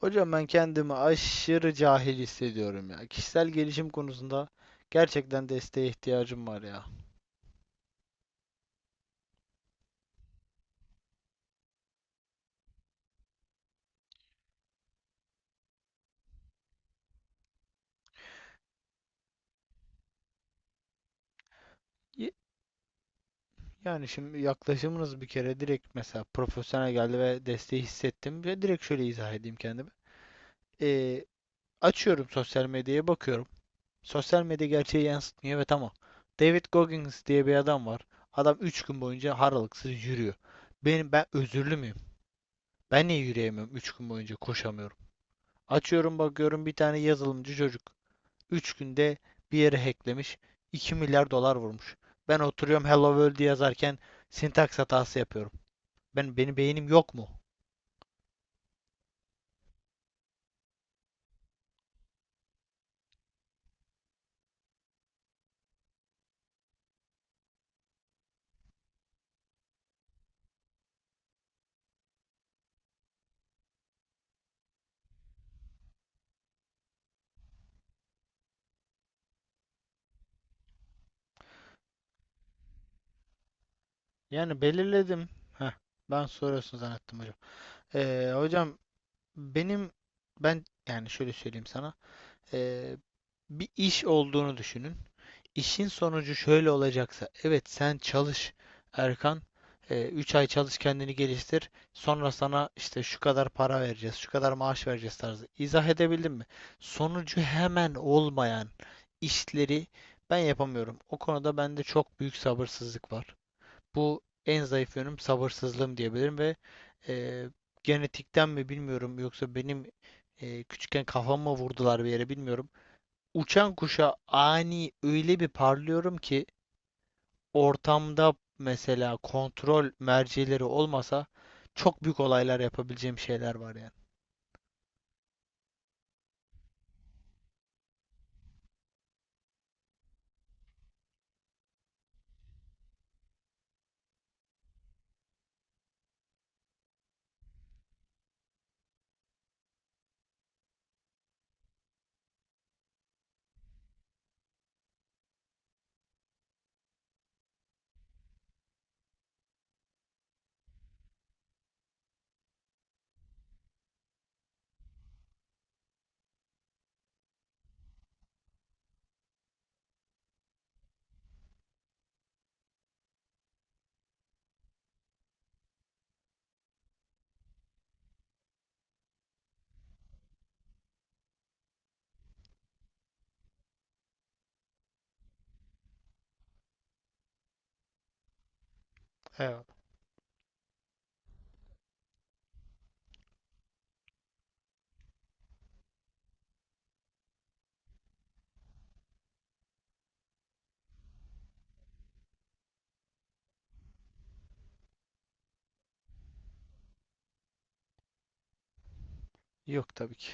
Hocam ben kendimi aşırı cahil hissediyorum ya. Kişisel gelişim konusunda gerçekten desteğe ihtiyacım var ya. Y- Yani şimdi yaklaşımınız bir kere direkt mesela profesyonel geldi ve desteği hissettim ve direkt şöyle izah edeyim kendimi. Ee, Açıyorum sosyal medyaya bakıyorum. Sosyal medya gerçeği yansıtmıyor, evet, ama David Goggins diye bir adam var. Adam 3 gün boyunca haralıksız yürüyor. Ben özürlü müyüm? Ben niye yürüyemiyorum, 3 gün boyunca koşamıyorum? Açıyorum bakıyorum, bir tane yazılımcı çocuk. 3 günde bir yere hacklemiş. 2 milyar dolar vurmuş. Ben oturuyorum Hello World yazarken sintaks hatası yapıyorum. Benim beynim yok mu? Yani belirledim. Heh, ben soruyorsun zannettim hocam. Hocam benim ben yani şöyle söyleyeyim sana. Ee, Bir iş olduğunu düşünün. İşin sonucu şöyle olacaksa, evet sen çalış Erkan, 3 ay çalış, kendini geliştir, sonra sana işte şu kadar para vereceğiz, şu kadar maaş vereceğiz tarzı. İzah edebildim mi? Sonucu hemen olmayan işleri ben yapamıyorum. O konuda bende çok büyük sabırsızlık var. Bu en zayıf yönüm sabırsızlığım diyebilirim ve e, genetikten mi bilmiyorum, yoksa benim küçükken kafama vurdular bir yere bilmiyorum, uçan kuşa ani öyle bir parlıyorum ki ortamda mesela kontrol mercileri olmasa çok büyük olaylar yapabileceğim şeyler var yani. Evet. Yok tabii ki.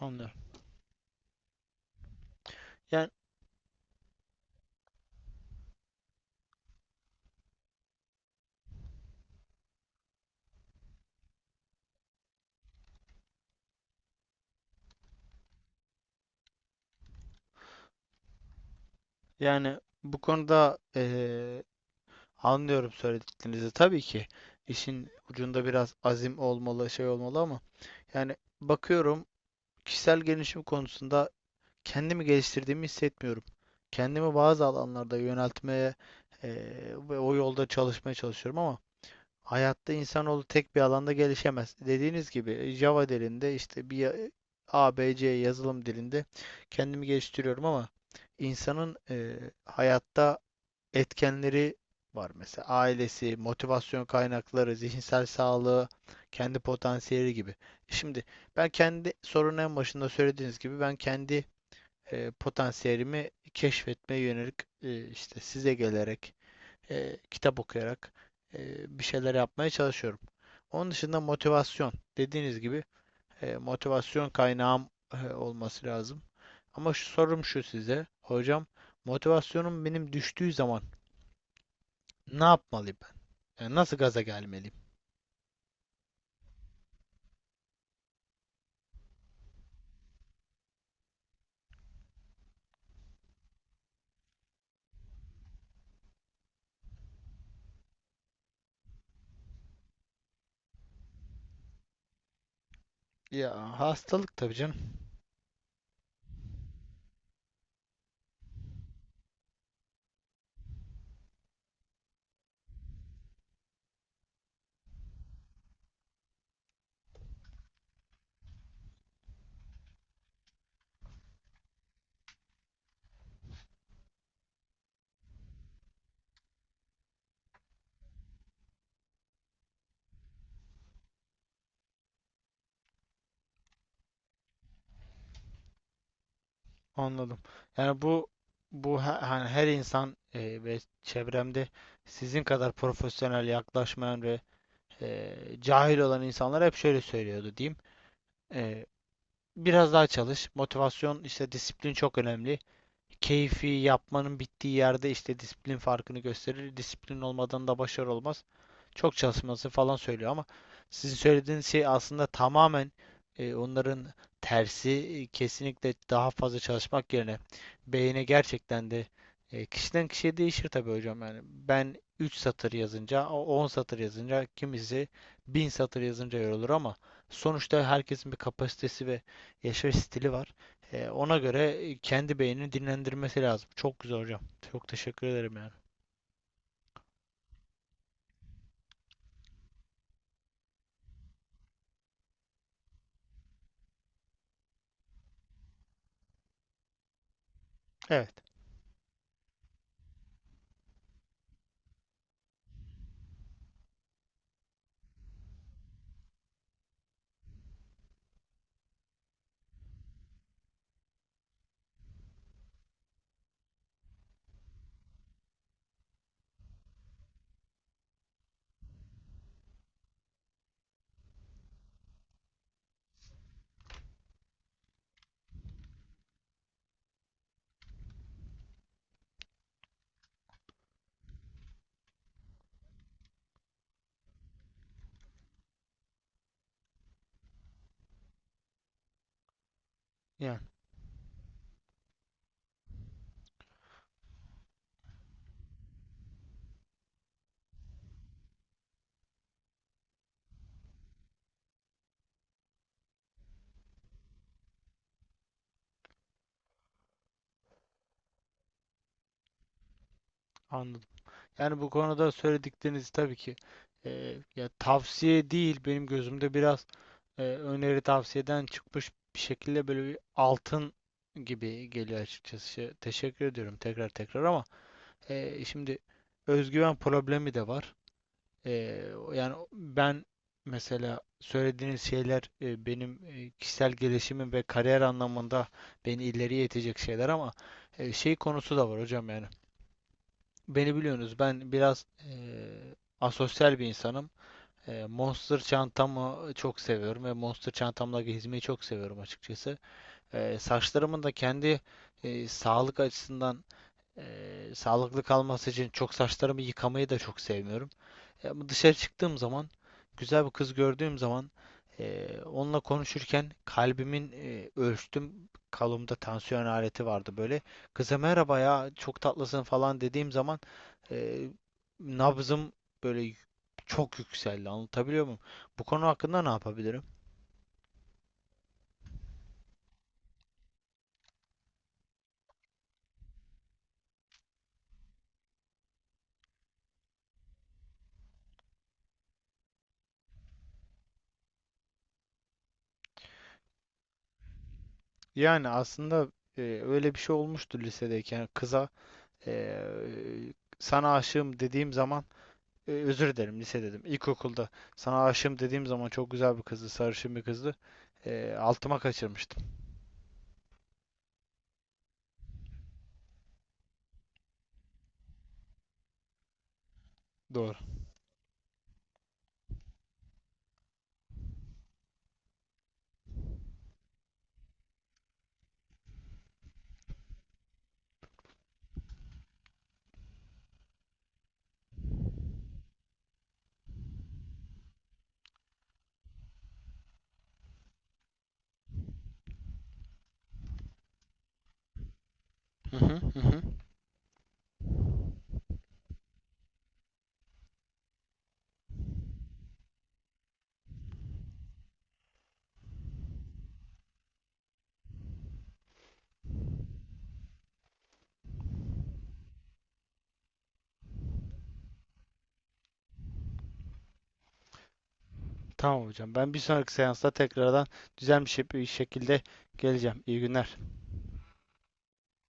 Anlıyorum. Yani Yani bu konuda anlıyorum söylediklerinizi. Tabii ki işin ucunda biraz azim olmalı, şey olmalı ama yani bakıyorum, kişisel gelişim konusunda kendimi geliştirdiğimi hissetmiyorum. Kendimi bazı alanlarda yöneltmeye ve o yolda çalışmaya çalışıyorum ama hayatta insanoğlu tek bir alanda gelişemez. Dediğiniz gibi Java dilinde işte A B C yazılım dilinde kendimi geliştiriyorum ama insanın hayatta etkenleri var. Mesela ailesi, motivasyon kaynakları, zihinsel sağlığı, kendi potansiyeli gibi. Şimdi ben kendi sorunun en başında söylediğiniz gibi ben kendi potansiyelimi keşfetmeye yönelik, işte size gelerek, kitap okuyarak, e, bir şeyler yapmaya çalışıyorum. Onun dışında motivasyon. Dediğiniz gibi motivasyon kaynağım olması lazım. Ama şu sorum şu size. Hocam motivasyonum benim düştüğü zaman ne yapmalıyım ben? Yani nasıl gaza gelmeliyim? Ya hastalık tabii canım. Anladım. Yani bu hani her insan ve çevremde sizin kadar profesyonel yaklaşmayan ve e, cahil olan insanlar hep şöyle söylüyordu diyeyim. E, Biraz daha çalış. Motivasyon, işte disiplin çok önemli. Keyfi yapmanın bittiği yerde işte disiplin farkını gösterir. Disiplin olmadan da başarı olmaz. Çok çalışması falan söylüyor ama sizin söylediğiniz şey aslında tamamen onların tersi. Kesinlikle daha fazla çalışmak yerine beyine gerçekten de kişiden kişiye değişir tabii hocam yani. Ben 3 satır yazınca, 10 satır yazınca, kimisi 1.000 satır yazınca yorulur ama sonuçta herkesin bir kapasitesi ve yaşayış stili var. Ona göre kendi beynini dinlendirmesi lazım. Çok güzel hocam. Çok teşekkür ederim yani. Evet, yani anladım. Yani bu konuda söyledikleriniz tabii ki ya tavsiye değil benim gözümde, biraz öneri tavsiyeden çıkmış bir şekilde böyle bir altın gibi geliyor açıkçası. Şey, teşekkür ediyorum tekrar tekrar ama şimdi özgüven problemi de var. Ee, Yani ben mesela söylediğiniz şeyler benim kişisel gelişimim ve kariyer anlamında beni ileriye itecek şeyler ama şey konusu da var hocam yani. Beni biliyorsunuz, ben biraz asosyal bir insanım. Monster çantamı çok seviyorum ve Monster çantamla gezmeyi çok seviyorum açıkçası. Saçlarımın da kendi sağlık açısından sağlıklı kalması için çok, saçlarımı yıkamayı da çok sevmiyorum. Ya bu dışarı çıktığım zaman, güzel bir kız gördüğüm zaman, onunla konuşurken kalbimin ölçtüm. Kolumda tansiyon aleti vardı böyle. Kıza merhaba ya, çok tatlısın falan dediğim zaman eee, nabzım böyle çok yükseldi. Anlatabiliyor muyum? Bu konu hakkında ne yapabilirim? Yani aslında öyle bir şey olmuştu, lisedeyken kıza e, sana aşığım dediğim zaman, özür dilerim, lise dedim, İlkokulda sana aşığım dediğim zaman, çok güzel bir kızdı, sarışın bir kızdı. Altıma kaçırmıştım. Doğru. Hı hı hı hı. Tamam hocam. Ben bir sonraki seansta tekrardan düzenli bir şekilde geleceğim. İyi günler.